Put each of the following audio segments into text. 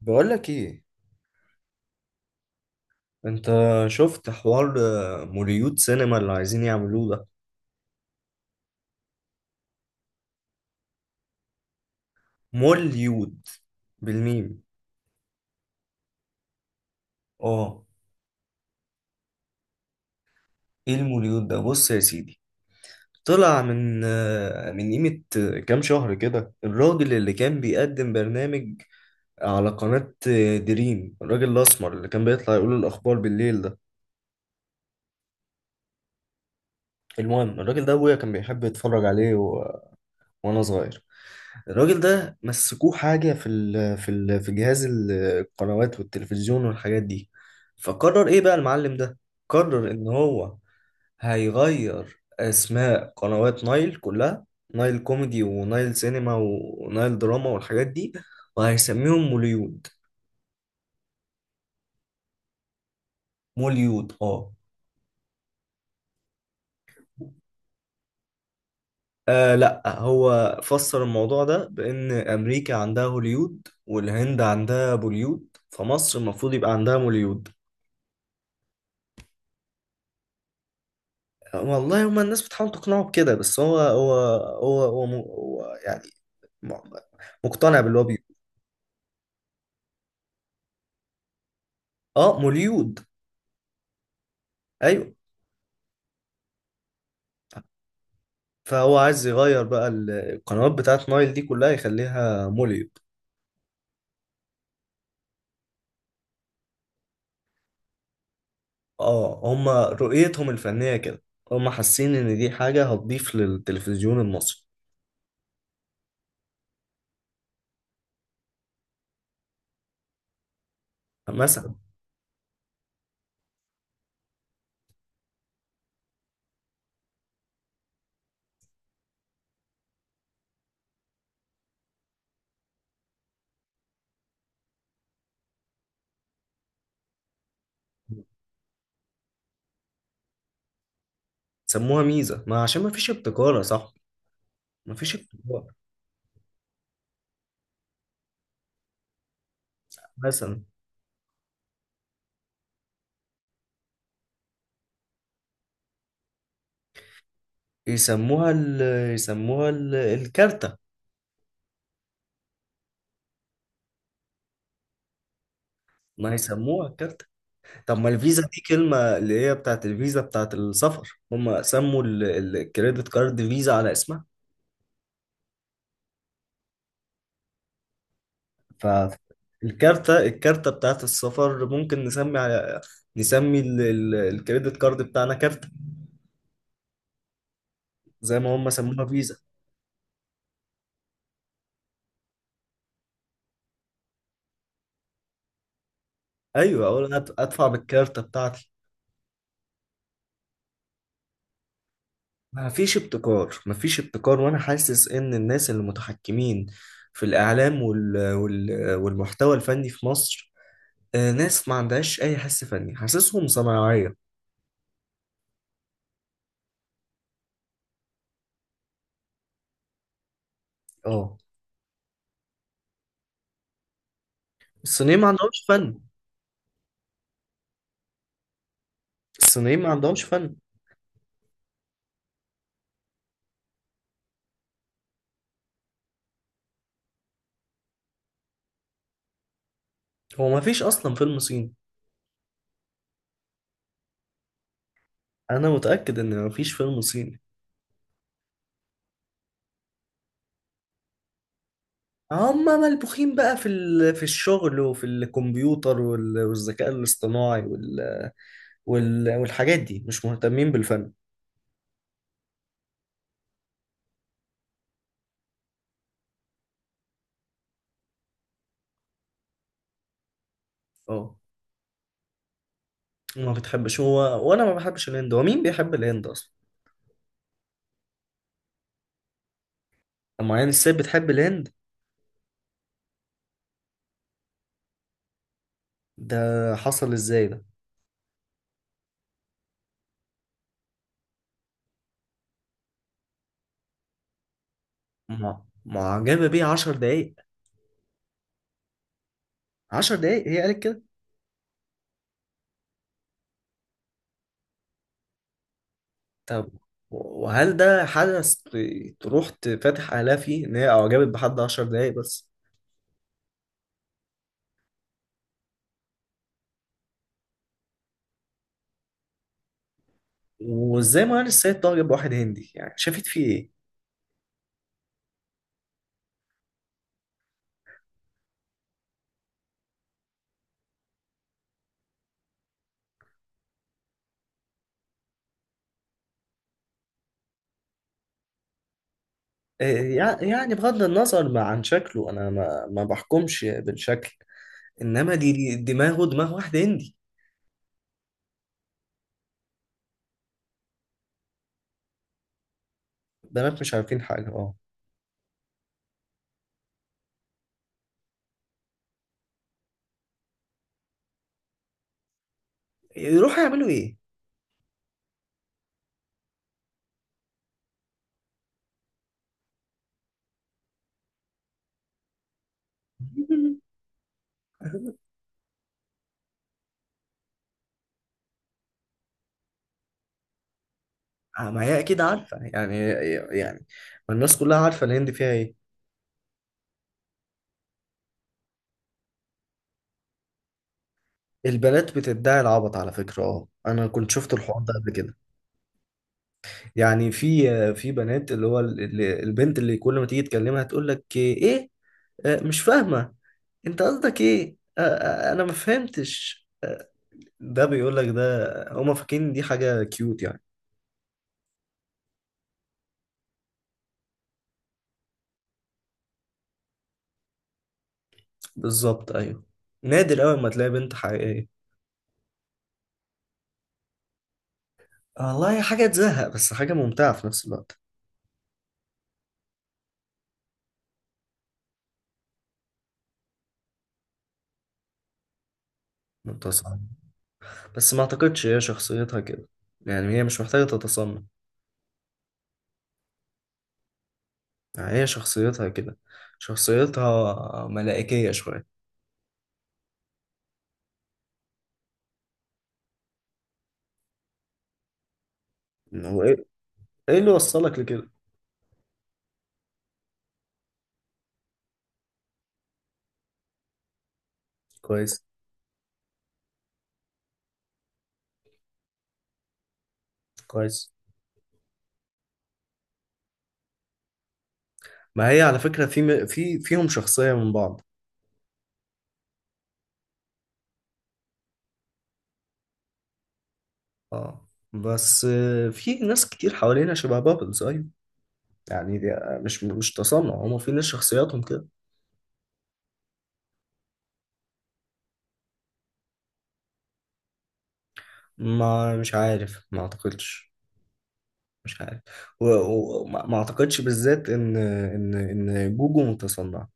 بقول لك ايه؟ انت شفت حوار موليود سينما اللي عايزين يعملوه ده؟ موليود بالميم. اه. ايه الموليود ده؟ بص يا سيدي، طلع من من قيمة كام شهر كده، الراجل اللي كان بيقدم برنامج على قناة دريم، الراجل الأسمر اللي كان بيطلع يقول الأخبار بالليل ده. المهم، الراجل ده أبويا كان بيحب يتفرج عليه وأنا صغير. الراجل ده مسكوه حاجة في جهاز القنوات والتلفزيون والحاجات دي، فقرر ايه بقى المعلم ده؟ قرر ان هو هيغير اسماء قنوات نايل كلها، نايل كوميدي ونايل سينما ونايل دراما والحاجات دي، وهيسميهم موليود. موليود اه. آه لا، هو فسر الموضوع ده بان امريكا عندها هوليود والهند عندها بوليود، فمصر المفروض يبقى عندها موليود. والله هما الناس بتحاول تقنعه بكده بس هو يعني، م- مقتنع باللي هو بيقوله. اه موليود، ايوه. فهو عايز يغير بقى القنوات بتاعت نايل دي كلها يخليها موليود. اه هما رؤيتهم الفنية كده، هما حاسين ان دي حاجة هتضيف للتلفزيون المصري. مثلا سموها ميزة ما عشان ما فيش ابتكار يا صاحبي، ما فيش ابتكار. مثلا يسموها ال، يسموها الكارتة. ما يسموها الكارتة. طب ما الفيزا دي كلمة اللي هي بتاعت الفيزا بتاعت السفر، هم سموا الكريدت كارد فيزا على اسمها. الكارتة بتاعت السفر ممكن نسمي على، نسمي الكريدت كارد بتاعنا كارتة، زي ما هم سموها فيزا. ايوه، اقول ادفع بالكارتة بتاعتي. ما فيش ابتكار، ما فيش ابتكار. وانا حاسس ان الناس اللي متحكمين في الاعلام والمحتوى الفني في مصر، ناس ما عندهاش اي حس فني، حاسسهم صناعية. اه الصينيين ما عندهمش فن، الصينيين ما عندهمش فن. هو ما فيش اصلا فيلم صيني، انا متاكد ان ما فيش فيلم صيني. هم ملبوخين بقى في الشغل وفي الكمبيوتر والذكاء الاصطناعي وال وال والحاجات دي، مش مهتمين بالفن. اه. ما بتحبش، هو وانا ما بحبش الهند، هو مين بيحب الهند اصلا؟ اما يعني الست بتحب الهند. ده حصل ازاي ده؟ ما معجبه بيه 10 دقايق؟ 10 دقايق هي قالت كده؟ طب وهل ده حدث تروح تفتح عليها فيه ان هي اعجبت بحد 10 دقايق بس؟ وازاي مهان السيد تعجب بواحد هندي؟ يعني شافت فيه ايه؟ إيه يعني بغض النظر ما عن شكله، انا ما بحكمش بالشكل، انما دي دماغه، دماغ واحد هندي. بنات مش عارفين حاجه، اه. يروحوا يعملوا ايه؟ ما هي اكيد عارفه يعني، يعني ما الناس كلها عارفه الهند فيها ايه. البنات بتدعي العبط على فكره، اه انا كنت شفت الحوار ده قبل كده. يعني في في بنات اللي هو البنت اللي كل ما تيجي تكلمها تقول لك ايه، مش فاهمة، انت قصدك ايه، انا ما فهمتش، ده بيقول لك ده. هما فاكرين دي حاجة كيوت يعني. بالظبط، ايوه. نادر قوي ما تلاقي بنت حقيقية. والله هي حاجة تزهق بس حاجة ممتعة في نفس الوقت. متصنع؟ بس ما اعتقدش هي شخصيتها كده، يعني هي مش محتاجة تتصنع، يعني هي شخصيتها كده، شخصيتها ملائكية شوية. وايه ايه؟ إيه اللي وصلك لكده؟ كويس. كويس. ما هي على فكرة في في فيهم شخصية من بعض. اه بس في ناس كتير حوالينا شبه بابلز، ايوه. يعني دي مش تصنع، هما في ناس شخصياتهم كده. ما مش عارف، ما اعتقدش، مش عارف. وما و... و- ما ما اعتقدش بالذات ان ان جوجو متصنع.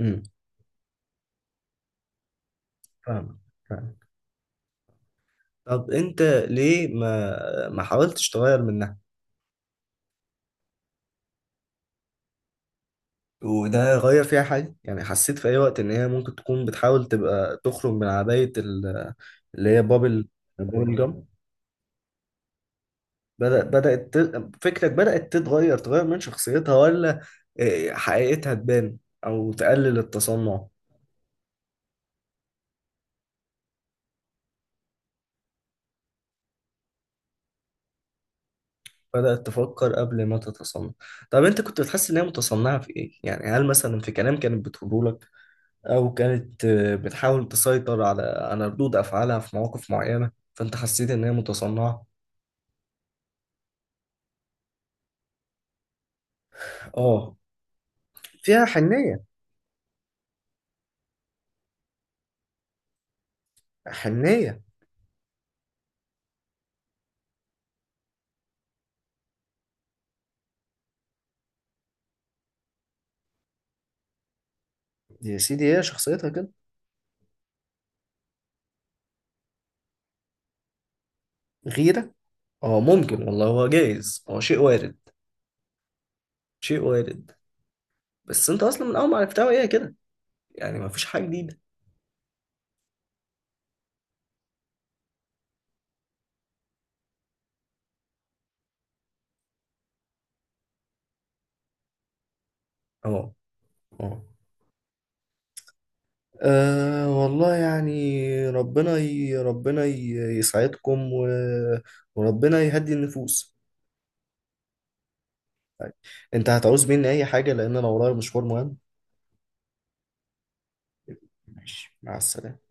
امم فاهم، فاهم. طب انت ليه ما حاولتش تغير من؟ وده غير فيها حاجة يعني؟ حسيت في أي وقت إن هي ممكن تكون بتحاول تبقى تخرج من عباية اللي هي بابل، بابل جام؟ بدأت فكرك بدأت تتغير، تغير من شخصيتها، ولا إيه، حقيقتها تبان، أو تقلل التصنع؟ بدأت تفكر قبل ما تتصنع. طب أنت كنت بتحس إن هي متصنعة في إيه؟ يعني هل مثلا في كلام كانت بتقوله لك، أو كانت بتحاول تسيطر على على ردود أفعالها في مواقف معينة فأنت حسيت إن هي متصنعة؟ آه. فيها حنية؟ حنية. يا سيدي هي شخصيتها كده. غيرة؟ اه ممكن، والله هو جايز، هو شيء وارد، شيء وارد. بس انت اصلا من اول ما عرفتها هي كده، يعني ما فيش حاجة جديدة. اه. اه. والله يعني ربنا ربنا يسعدكم وربنا يهدي النفوس. انت هتعوز مني اي حاجة؟ لان انا ورايا مشوار مهم. ماشي، مع السلامة.